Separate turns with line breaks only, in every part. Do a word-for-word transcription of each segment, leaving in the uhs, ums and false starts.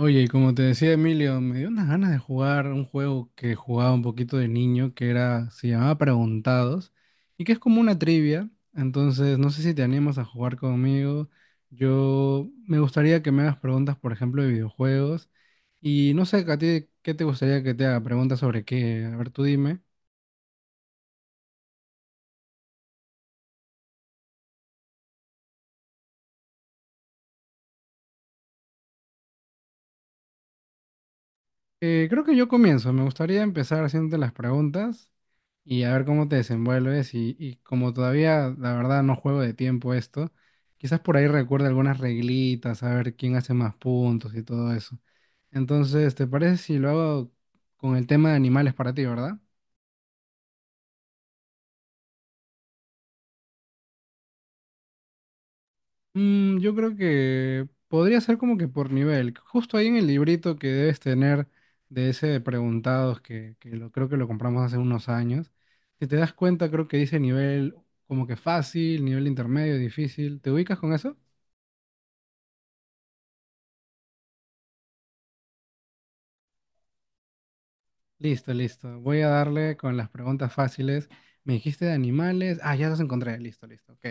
Oye, y como te decía Emilio, me dio unas ganas de jugar un juego que jugaba un poquito de niño, que era, se llamaba Preguntados, y que es como una trivia. Entonces, no sé si te animas a jugar conmigo. Yo me gustaría que me hagas preguntas, por ejemplo, de videojuegos. Y no sé, a ti, ¿qué te gustaría que te haga? Preguntas sobre qué. A ver, tú dime. Eh, creo que yo comienzo. Me gustaría empezar haciéndote las preguntas y a ver cómo te desenvuelves. Y, y como todavía, la verdad, no juego de tiempo esto, quizás por ahí recuerde algunas reglitas, a ver quién hace más puntos y todo eso. Entonces, ¿te parece si lo hago con el tema de animales para ti, verdad? Mm, yo creo que podría ser como que por nivel. Justo ahí en el librito que debes tener de ese de preguntados que, que lo, creo que lo compramos hace unos años. Si te das cuenta, creo que dice nivel como que fácil, nivel intermedio, difícil. ¿Te ubicas con eso? Listo, listo. Voy a darle con las preguntas fáciles. Me dijiste de animales. Ah, ya los encontré. Listo, listo. Ok.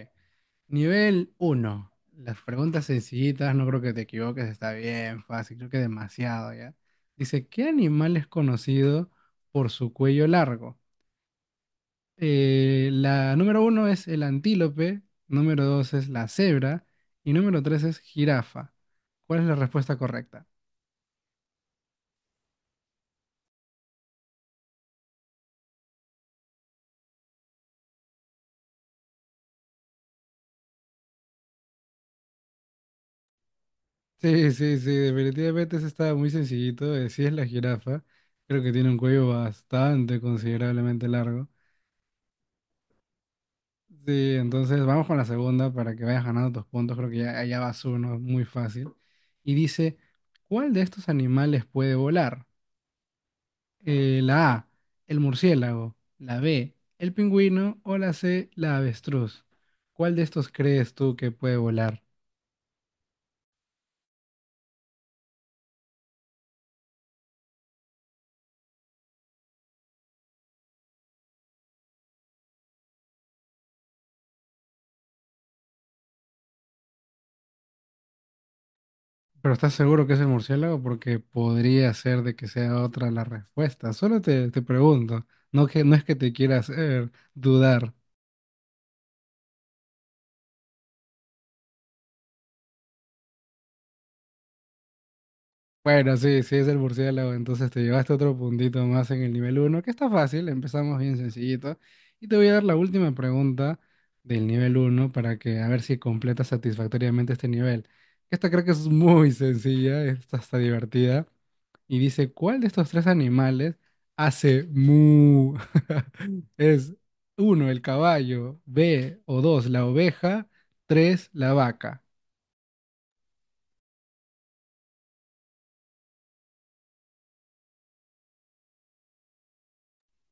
Nivel uno. Las preguntas sencillitas, no creo que te equivoques, está bien, fácil, creo que demasiado ya. Dice, ¿qué animal es conocido por su cuello largo? Eh, la número uno es el antílope, número dos es la cebra y número tres es jirafa. ¿Cuál es la respuesta correcta? Sí, sí, sí, definitivamente ese está muy sencillito. Eh, sí es la jirafa, creo que tiene un cuello bastante considerablemente largo. Sí, entonces vamos con la segunda para que vayas ganando tus puntos. Creo que ya, allá vas uno, muy fácil. Y dice, ¿cuál de estos animales puede volar? Eh, la A, el murciélago, la B, el pingüino o la C, la avestruz. ¿Cuál de estos crees tú que puede volar? Pero ¿estás seguro que es el murciélago? Porque podría ser de que sea otra la respuesta. Solo te, te pregunto, no que, no es que te quiera hacer dudar. Bueno, sí, sí es el murciélago, entonces te llevaste otro puntito más en el nivel uno, que está fácil, empezamos bien sencillito. Y te voy a dar la última pregunta del nivel uno para que a ver si completas satisfactoriamente este nivel. Esta creo que es muy sencilla, esta está divertida. Y dice, ¿cuál de estos tres animales hace mu? Es uno, el caballo, B o dos, la oveja, tres, la vaca.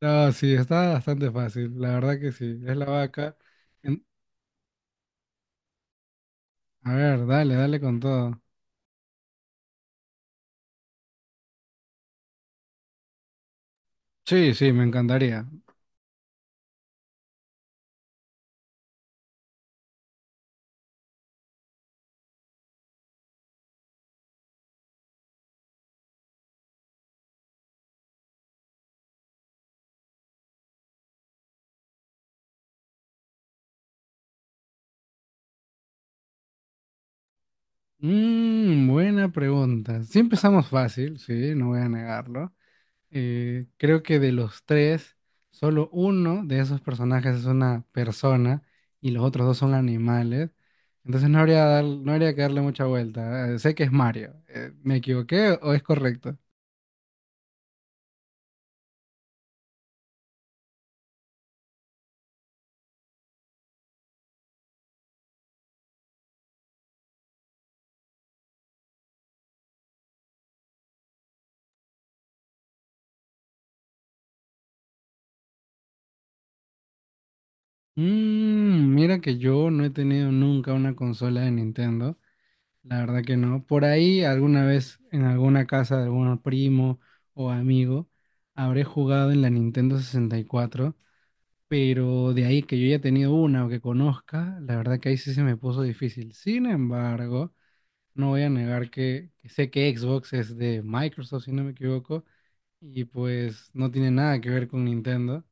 No, sí, está bastante fácil, la verdad que sí, es la vaca. En- A ver, dale, dale con todo. Sí, sí, me encantaría. Mm, buena pregunta. Sí, empezamos fácil, sí, no voy a negarlo. Eh, creo que de los tres, solo uno de esos personajes es una persona y los otros dos son animales. Entonces no habría, dar- no habría que darle mucha vuelta. Eh, sé que es Mario. Eh, ¿me equivoqué o es correcto? Mm, mira que yo no he tenido nunca una consola de Nintendo, la verdad que no. Por ahí alguna vez en alguna casa de algún primo o amigo habré jugado en la Nintendo sesenta y cuatro, pero de ahí que yo haya tenido una o que conozca, la verdad que ahí sí se me puso difícil. Sin embargo, no voy a negar que, que sé que Xbox es de Microsoft, si no me equivoco, y pues no tiene nada que ver con Nintendo.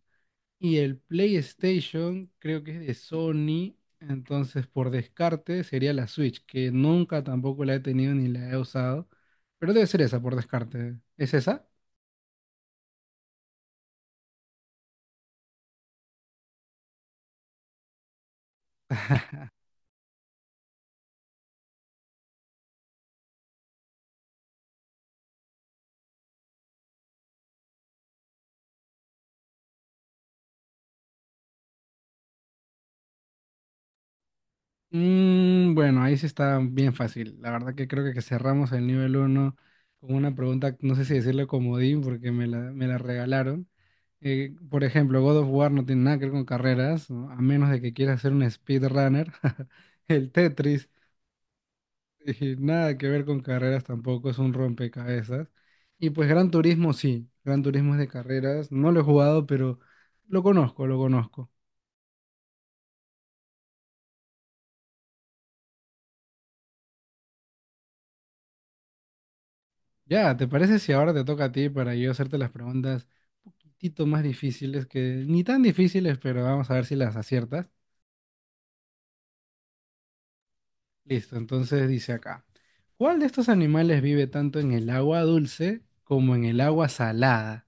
Y el PlayStation creo que es de Sony, entonces por descarte sería la Switch, que nunca tampoco la he tenido ni la he usado, pero debe ser esa por descarte. ¿Es esa? Mm, bueno, ahí sí está bien fácil. La verdad que creo que, que cerramos el nivel uno con una pregunta, no sé si decirle comodín porque me la, me la regalaron. Eh, por ejemplo, God of War no tiene nada que ver con carreras, ¿no? A menos de que quieras ser un speedrunner. El Tetris y nada que ver con carreras tampoco, es un rompecabezas. Y pues Gran Turismo sí, Gran Turismo es de carreras, no lo he jugado, pero lo conozco, lo conozco. Ya, ¿te parece si ahora te toca a ti para yo hacerte las preguntas un poquitito más difíciles, que ni tan difíciles, pero vamos a ver si las aciertas? Listo, entonces dice acá, ¿cuál de estos animales vive tanto en el agua dulce como en el agua salada?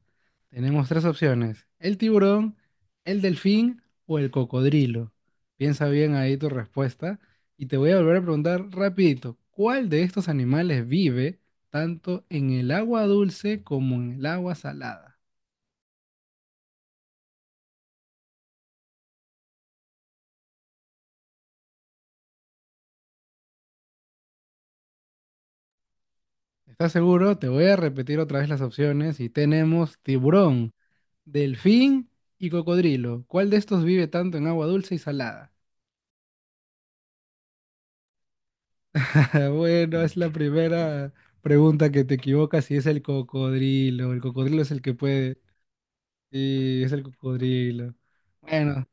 Tenemos tres opciones, el tiburón, el delfín o el cocodrilo. Piensa bien ahí tu respuesta y te voy a volver a preguntar rapidito, ¿cuál de estos animales vive tanto en el agua dulce como en el agua salada? ¿Estás seguro? Te voy a repetir otra vez las opciones y tenemos tiburón, delfín y cocodrilo. ¿Cuál de estos vive tanto en agua dulce y salada? Bueno, es la primera pregunta que te equivocas y es el cocodrilo. El cocodrilo es el que puede. Sí, es el cocodrilo. Bueno,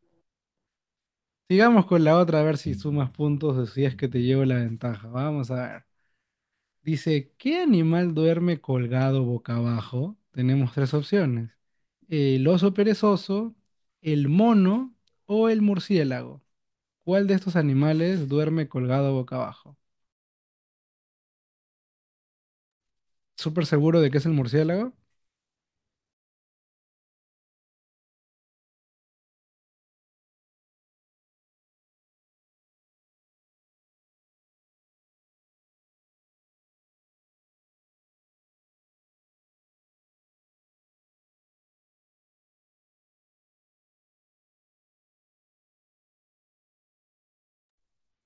sigamos con la otra a ver si sumas puntos o si es que te llevo la ventaja. Vamos a ver. Dice, ¿qué animal duerme colgado boca abajo? Tenemos tres opciones. El oso perezoso, el mono o el murciélago. ¿Cuál de estos animales duerme colgado boca abajo? ¿Súper seguro de que es el murciélago?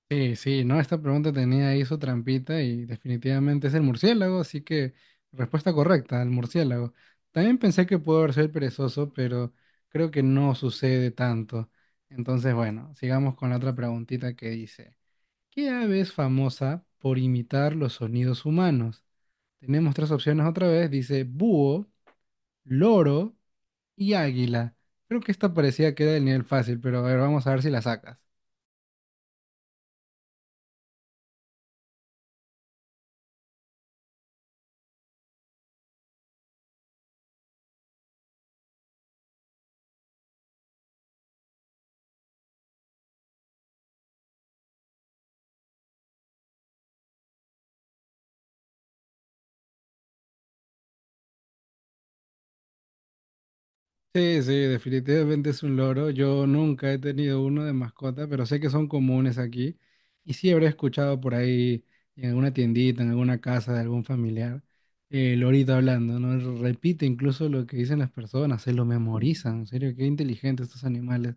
Sí, sí, ¿no? Esta pregunta tenía ahí su trampita y definitivamente es el murciélago, así que respuesta correcta, el murciélago. También pensé que pudo haber sido el perezoso, pero creo que no sucede tanto. Entonces, bueno, sigamos con la otra preguntita que dice. ¿Qué ave es famosa por imitar los sonidos humanos? Tenemos tres opciones otra vez. Dice búho, loro y águila. Creo que esta parecía que era del nivel fácil, pero a ver, vamos a ver si la sacas. Sí, sí, definitivamente es un loro. Yo nunca he tenido uno de mascota, pero sé que son comunes aquí. Y sí habré escuchado por ahí en alguna tiendita, en alguna casa de algún familiar, el lorito hablando, ¿no? Repite incluso lo que dicen las personas, se lo memorizan. En serio, qué inteligentes estos animales.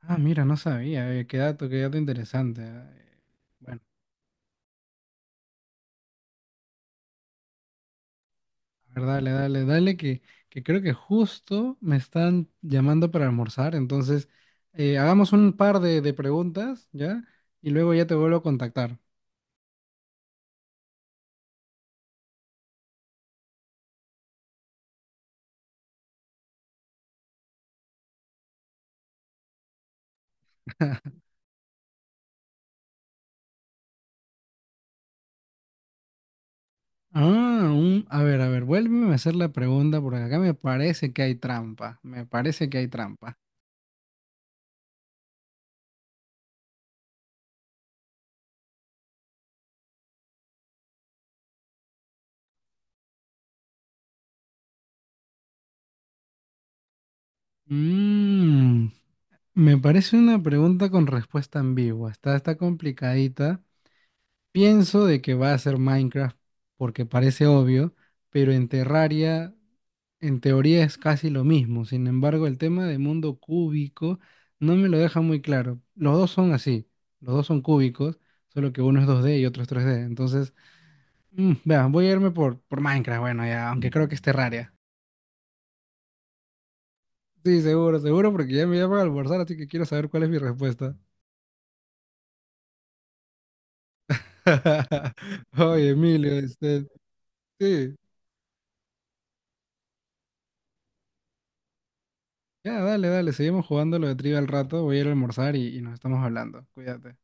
Ah, mira, no sabía. eh, Qué dato, qué dato interesante. ah, eh. Bueno, a ver, dale, dale, dale, que, que creo que justo me están llamando para almorzar. Entonces, eh, hagamos un par de, de preguntas, ¿ya? Y luego ya te vuelvo a contactar. Ah, un- a ver, a ver, vuélveme a hacer la pregunta porque acá me parece que hay trampa. Me parece que hay trampa. Mm, me parece una pregunta con respuesta ambigua. Está, está complicadita. Pienso de que va a ser Minecraft porque parece obvio, pero en Terraria en teoría es casi lo mismo. Sin embargo, el tema de mundo cúbico no me lo deja muy claro. Los dos son así, los dos son cúbicos, solo que uno es dos d y otro es tres d. Entonces, mm, vea, voy a irme por, por, Minecraft, bueno, ya, aunque creo que es Terraria. Sí, seguro, seguro, porque ya me llaman a almorzar, así que quiero saber cuál es mi respuesta. Oye, Emilio, este, sí. Ya, dale, dale, seguimos jugando lo de trivia al rato, voy a ir a almorzar y, y nos estamos hablando. Cuídate.